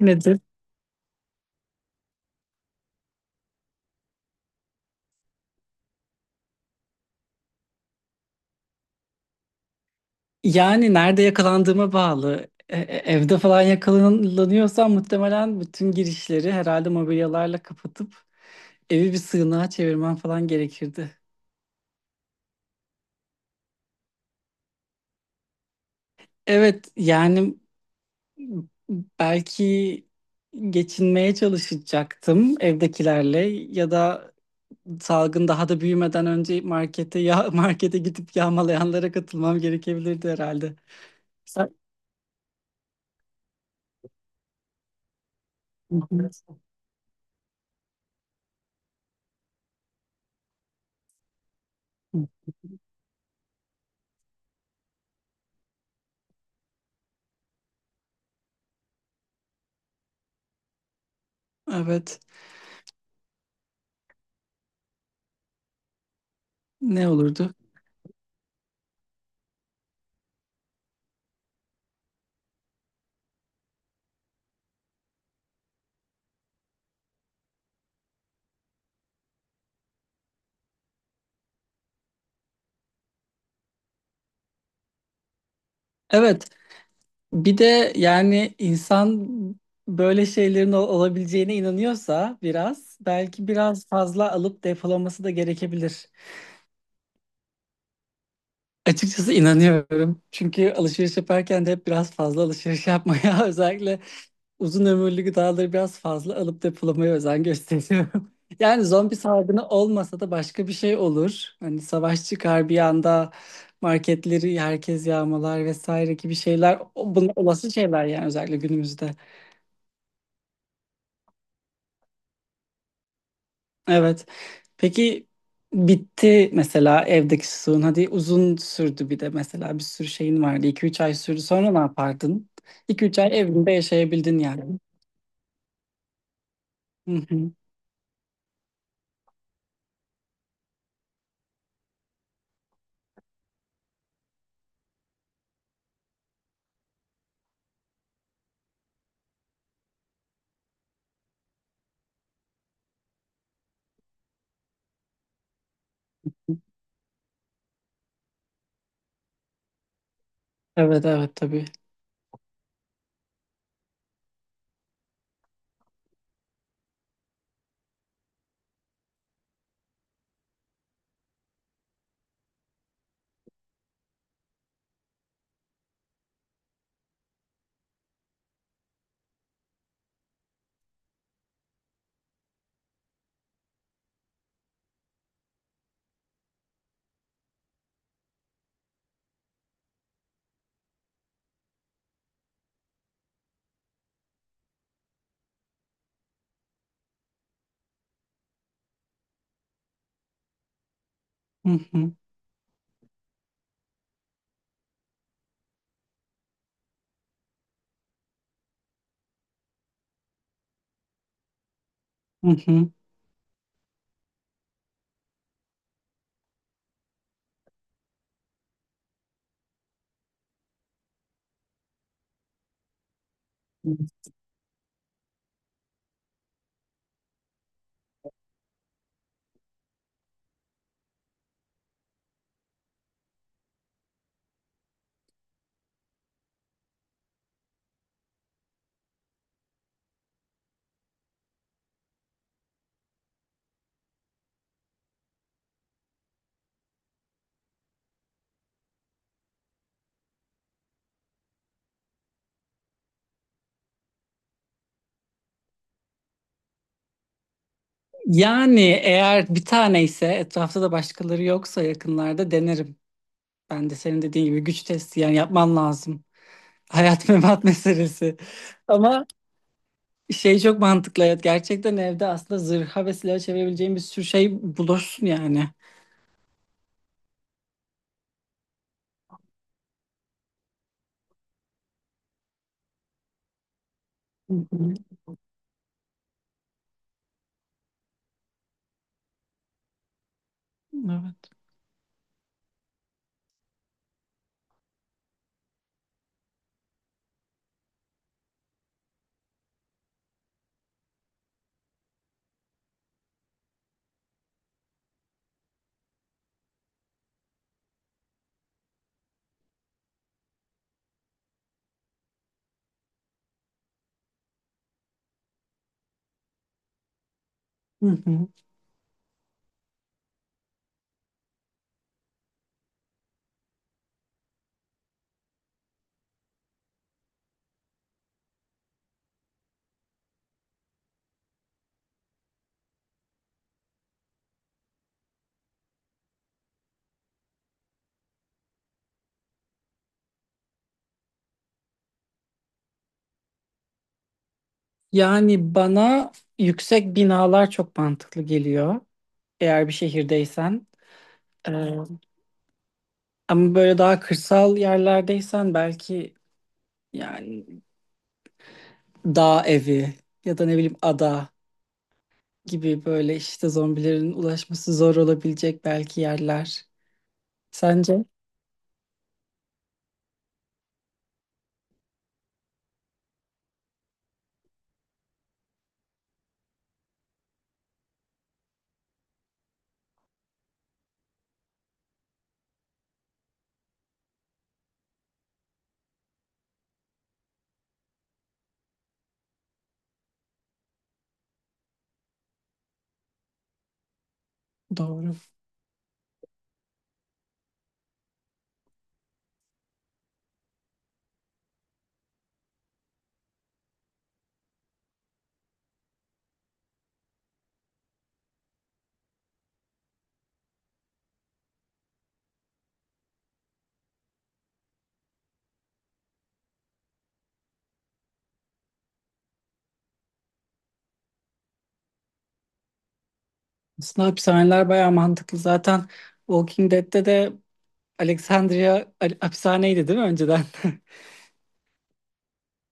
Nedir? Yani nerede yakalandığıma bağlı. Evde falan yakalanıyorsam muhtemelen bütün girişleri herhalde mobilyalarla kapatıp evi bir sığınağa çevirmem falan gerekirdi. Evet, yani belki geçinmeye çalışacaktım evdekilerle ya da salgın daha da büyümeden önce markete ya markete gidip yağmalayanlara katılmam gerekebilirdi herhalde. Sen- Evet. Ne olurdu? Evet. Bir de yani insan böyle şeylerin olabileceğine inanıyorsa biraz belki biraz fazla alıp depolaması da gerekebilir. Açıkçası inanıyorum. Çünkü alışveriş yaparken de hep biraz fazla alışveriş yapmaya özellikle uzun ömürlü gıdaları biraz fazla alıp depolamaya özen gösteriyorum. Yani zombi salgını olmasa da başka bir şey olur. Hani savaş çıkar bir anda marketleri herkes yağmalar vesaire gibi şeyler. O- Bunlar olası şeyler yani özellikle günümüzde. Evet. Peki, bitti mesela evdeki suyun. Hadi uzun sürdü, bir de mesela bir sürü şeyin vardı. İki üç ay sürdü. Sonra ne yapardın? İki üç ay evinde yaşayabildin yani. Hı hı. Evet evet, tabii. Hı hı. Hı hı. Yani eğer bir tane ise, etrafta da başkaları yoksa yakınlarda denerim. Ben de senin dediğin gibi güç testi yani yapman lazım. Hayat memat meselesi. Ama şey çok mantıklı, evet. Gerçekten evde aslında zırha ve silaha çevirebileceğin bir sürü şey bulursun yani. Evet. Hı hı. Yani bana yüksek binalar çok mantıklı geliyor. Eğer bir şehirdeysen. Ee, Ama böyle daha kırsal yerlerdeysen belki yani dağ evi ya da ne bileyim ada gibi, böyle işte zombilerin ulaşması zor olabilecek belki yerler. Sence? Doğru. Aslında hapishaneler bayağı mantıklı. Zaten Walking Dead'te de Alexandria hapishaneydi değil mi önceden?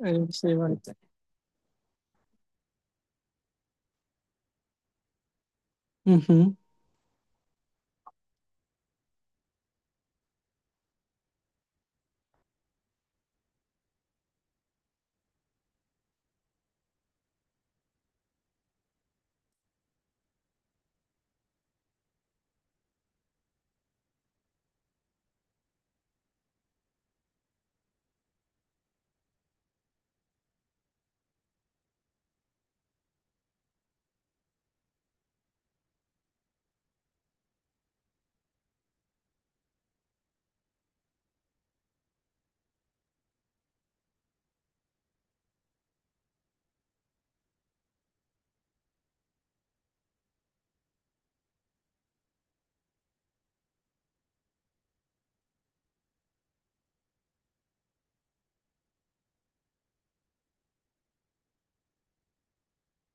Öyle bir şey vardı. Hı hı.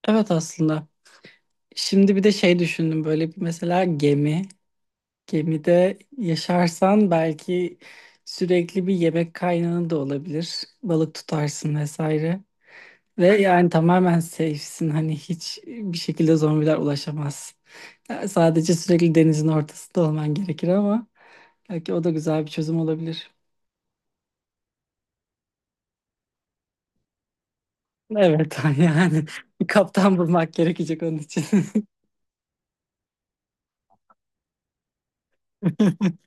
Evet aslında. Şimdi bir de şey düşündüm, böyle bir mesela gemi. Gemide yaşarsan belki sürekli bir yemek kaynağı da olabilir. Balık tutarsın vesaire. Ve yani tamamen safe'sin. Hani hiç bir şekilde zombiler ulaşamaz. Yani sadece sürekli denizin ortasında olman gerekir ama belki o da güzel bir çözüm olabilir. Evet yani bir kaptan bulmak gerekecek onun için.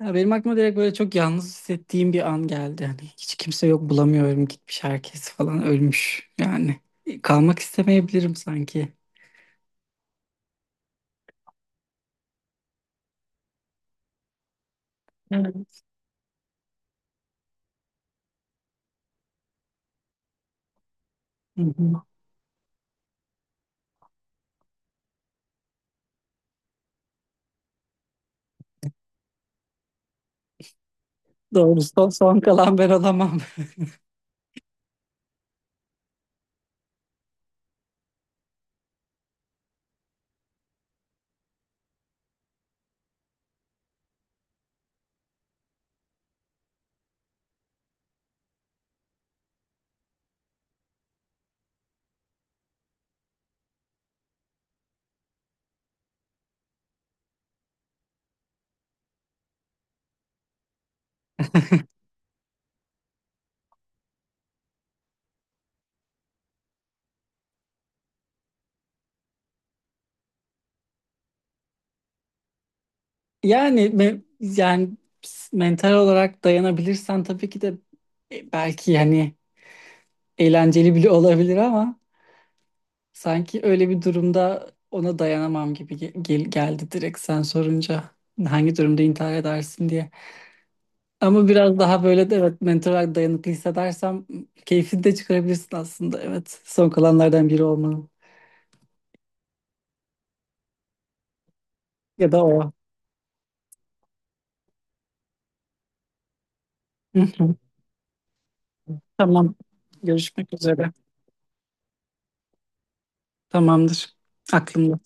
Ya benim aklıma direkt böyle çok yalnız hissettiğim bir an geldi. Hani hiç kimse yok, bulamıyorum, gitmiş herkes falan, ölmüş yani. Kalmak istemeyebilirim sanki. Evet. Hı hı. Doğru, son, son kalan ben olamam. Yani me- yani Mental olarak dayanabilirsen tabii ki de belki yani eğlenceli bile olabilir ama sanki öyle bir durumda ona dayanamam gibi geldi direkt sen sorunca. Hangi durumda intihar edersin diye. Ama biraz daha böyle de, evet, mental olarak dayanıklı hissedersem keyfini de çıkarabilirsin aslında. Evet, son kalanlardan biri olmanın ya da o. Hı hı. Tamam, görüşmek üzere. Tamamdır. Aklımda.